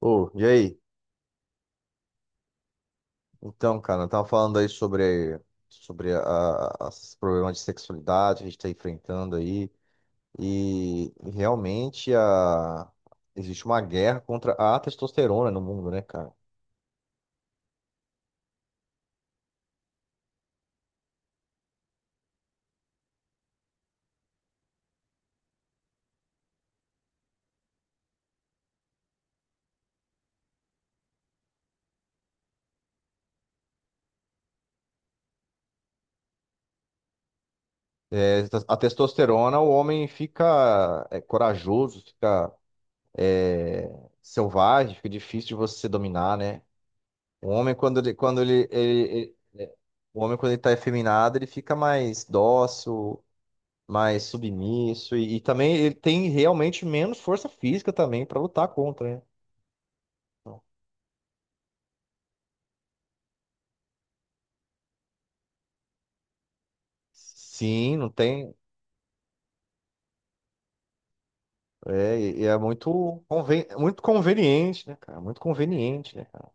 Ô, e aí? Então, cara, eu tava falando aí sobre esses problemas de sexualidade que a gente tá enfrentando aí. E realmente existe uma guerra contra a testosterona no mundo, né, cara? É, a testosterona, o homem fica corajoso, fica é, selvagem, fica difícil de você dominar, né? O homem, quando ele- ele- é, o homem, quando ele tá efeminado, ele fica mais dócil, mais submisso e também ele tem realmente menos força física também para lutar contra, né? Então, sim, não tem. É, e é muito conveniente, né, cara? Muito conveniente, né, cara?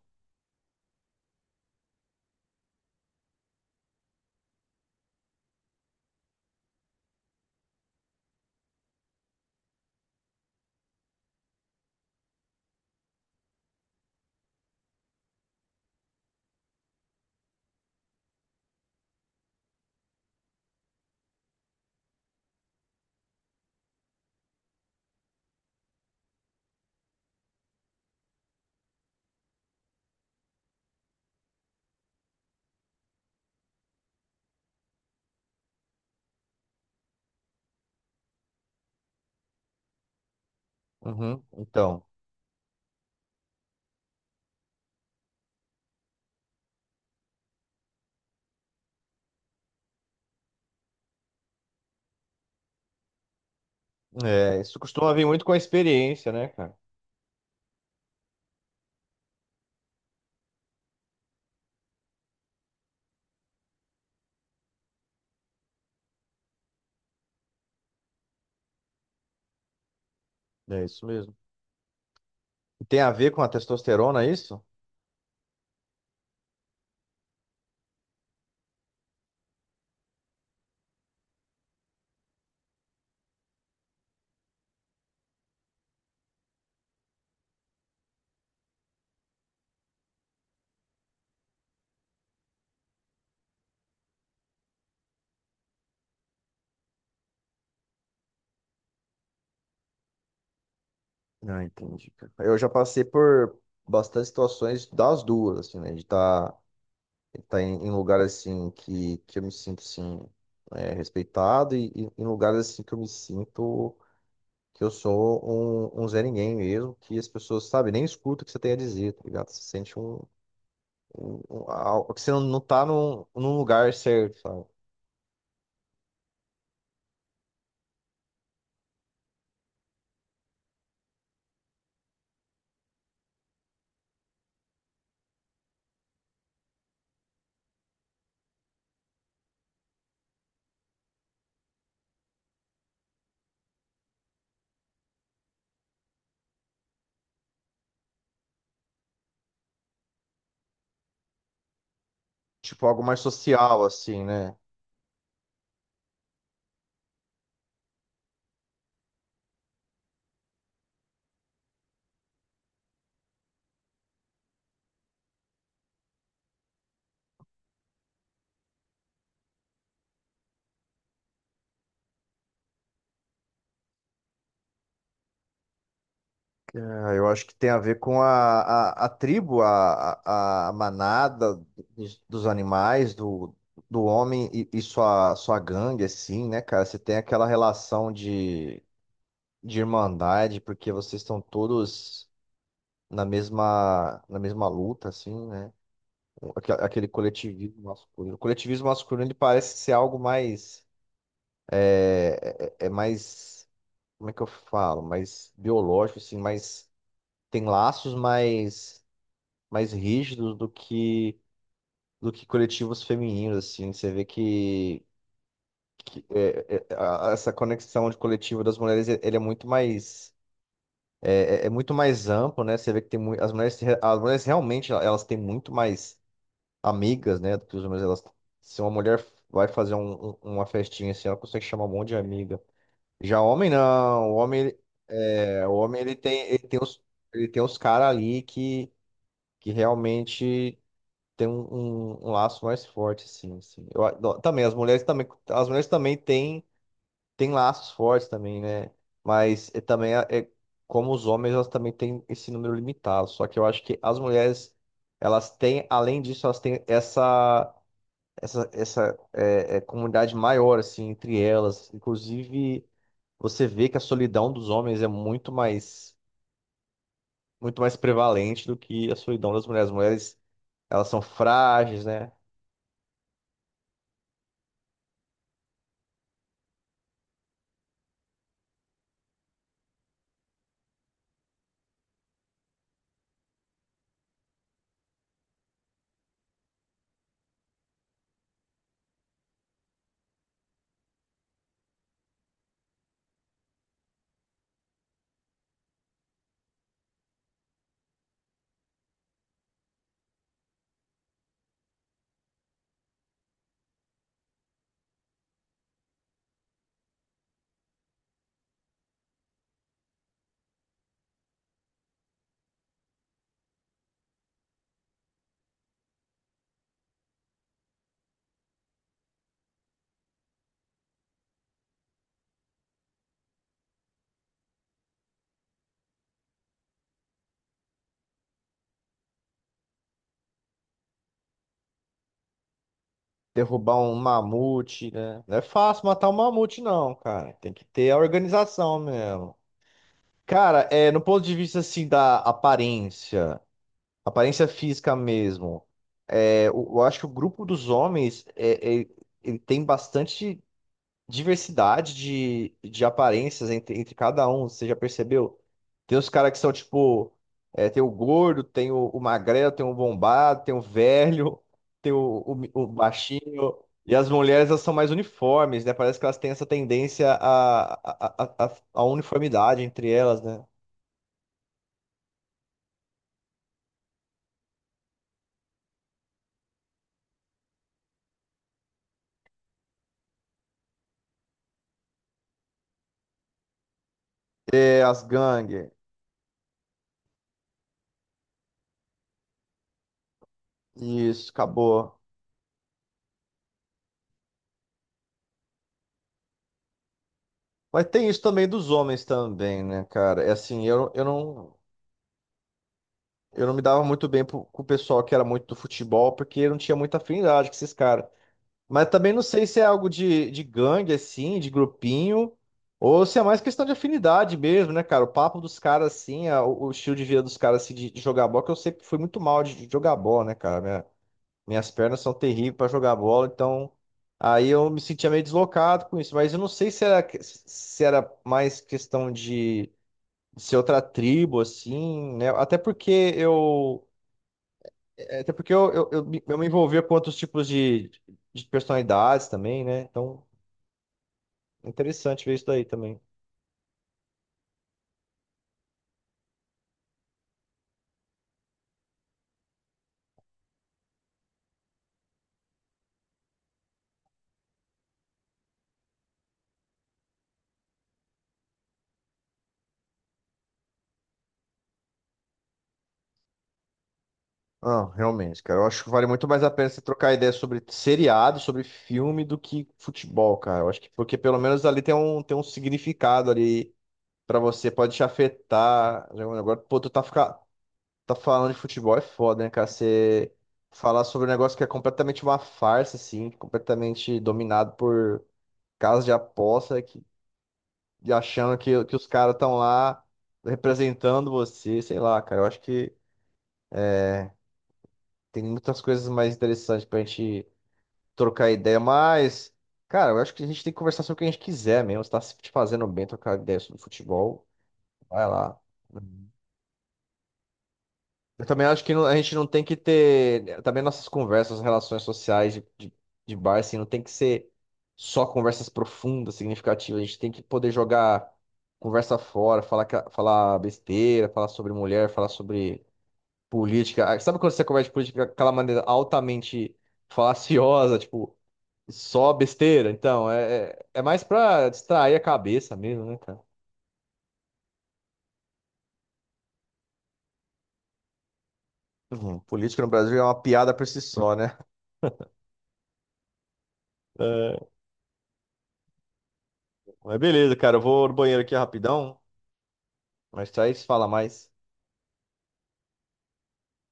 Uhum. Então, é, isso costuma vir muito com a experiência, né, cara? É isso mesmo. E tem a ver com a testosterona, é isso? Ah, entendi, cara. Eu já passei por bastante situações das duas, assim, né? De estar, tá em lugares assim que eu me sinto assim, é, respeitado e em lugares assim que eu me sinto que eu sou um Zé Ninguém mesmo, que as pessoas, sabe, nem escutam o que você tem a dizer, tá ligado? Você sente que você não tá num lugar certo, sabe? Tipo algo mais social, assim, né? Ah, eu acho que tem a ver com a tribo, a manada dos animais, do, do homem e sua gangue, assim, né, cara? Você tem aquela relação de irmandade, porque vocês estão todos na mesma luta, assim, né? Aquele coletivismo masculino. O coletivismo masculino, ele parece ser algo mais, é mais, como é que eu falo? Mais biológico, assim, mais, tem laços mais rígidos do que coletivos femininos, assim. Você vê que é, é, a- essa conexão de coletivo das mulheres, e- ele é muito mais é, é muito mais amplo, né? Você vê que tem mui- as mulheres se re- as mulheres realmente elas têm muito mais amigas, né? Do que os homens. Elas, se uma mulher vai fazer uma festinha assim, ela consegue chamar um monte de amiga. Já homem não, o homem o homem ele tem os caras ali que realmente tem um laço mais forte, assim. Eu, adoro- também, as mulheres também têm, têm laços fortes também, né? Mas é, também é, é como os homens, elas também têm esse número limitado. Só que eu acho que as mulheres, elas têm, além disso, elas têm essa é, é, comunidade maior, assim, entre elas. Inclusive, você vê que a solidão dos homens é muito mais prevalente do que a solidão das mulheres. As mulheres, elas são frágeis, né? Derrubar um mamute, né? Não é fácil matar um mamute, não, cara. Tem que ter a organização mesmo. Cara, é, no ponto de vista assim da aparência, aparência física mesmo, é, eu acho que o grupo dos homens ele tem bastante diversidade de aparências entre, entre cada um, você já percebeu? Tem os caras que são tipo, é, tem o gordo, tem o magrelo, tem o bombado, tem o velho, tem o baixinho. E as mulheres, elas são mais uniformes, né? Parece que elas têm essa tendência à uniformidade entre elas, né? É, as gangues. Isso, acabou. Mas tem isso também dos homens também, né, cara? É assim, eu não. Eu não me dava muito bem pro- com o pessoal que era muito do futebol, porque eu não tinha muita afinidade com esses caras. Mas também não sei se é algo de gangue, assim, de grupinho, ou se é mais questão de afinidade mesmo, né, cara? O papo dos caras, assim, a- o estilo de vida dos caras, assim, de jogar bola, que eu sempre fui muito mal de jogar bola, né, cara? Minhas pernas são terríveis pra jogar bola, então aí eu me sentia meio deslocado com isso. Mas eu não sei se era, que- se era mais questão de ser outra tribo, assim, né? Até porque eu. É, até porque eu me envolvia com outros tipos de personalidades também, né? Então, interessante ver isso daí também. Ah, realmente, cara. Eu acho que vale muito mais a pena você trocar ideia sobre seriado, sobre filme, do que futebol, cara. Eu acho que porque pelo menos ali tem um significado ali pra você, pode te afetar. Agora, pô, tu tá, fica, tá falando de futebol é foda, né, cara? Você falar sobre um negócio que é completamente uma farsa, assim, completamente dominado por casas de aposta e achando que os caras estão lá representando você, sei lá, cara. Eu acho que tem muitas coisas mais interessantes pra gente trocar ideia, mas, cara, eu acho que a gente tem que conversar sobre o que a gente quiser mesmo. Se tá, se te fazendo bem trocar ideia sobre futebol, vai lá. Eu também acho que não- a gente não tem que ter. Também nossas conversas, relações sociais de bar, assim, não tem que ser só conversas profundas, significativas. A gente tem que poder jogar conversa fora, falar, ca- falar besteira, falar sobre mulher, falar sobre política. Ah, sabe quando você conversa de política daquela maneira altamente falaciosa, tipo, só besteira? Então, é, é mais pra distrair a cabeça mesmo, né, cara? Uhum, política no Brasil é uma piada por si só, né? Mas beleza, cara. Eu vou no banheiro aqui rapidão. Mas aí se fala mais.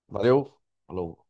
Valeu. Falou.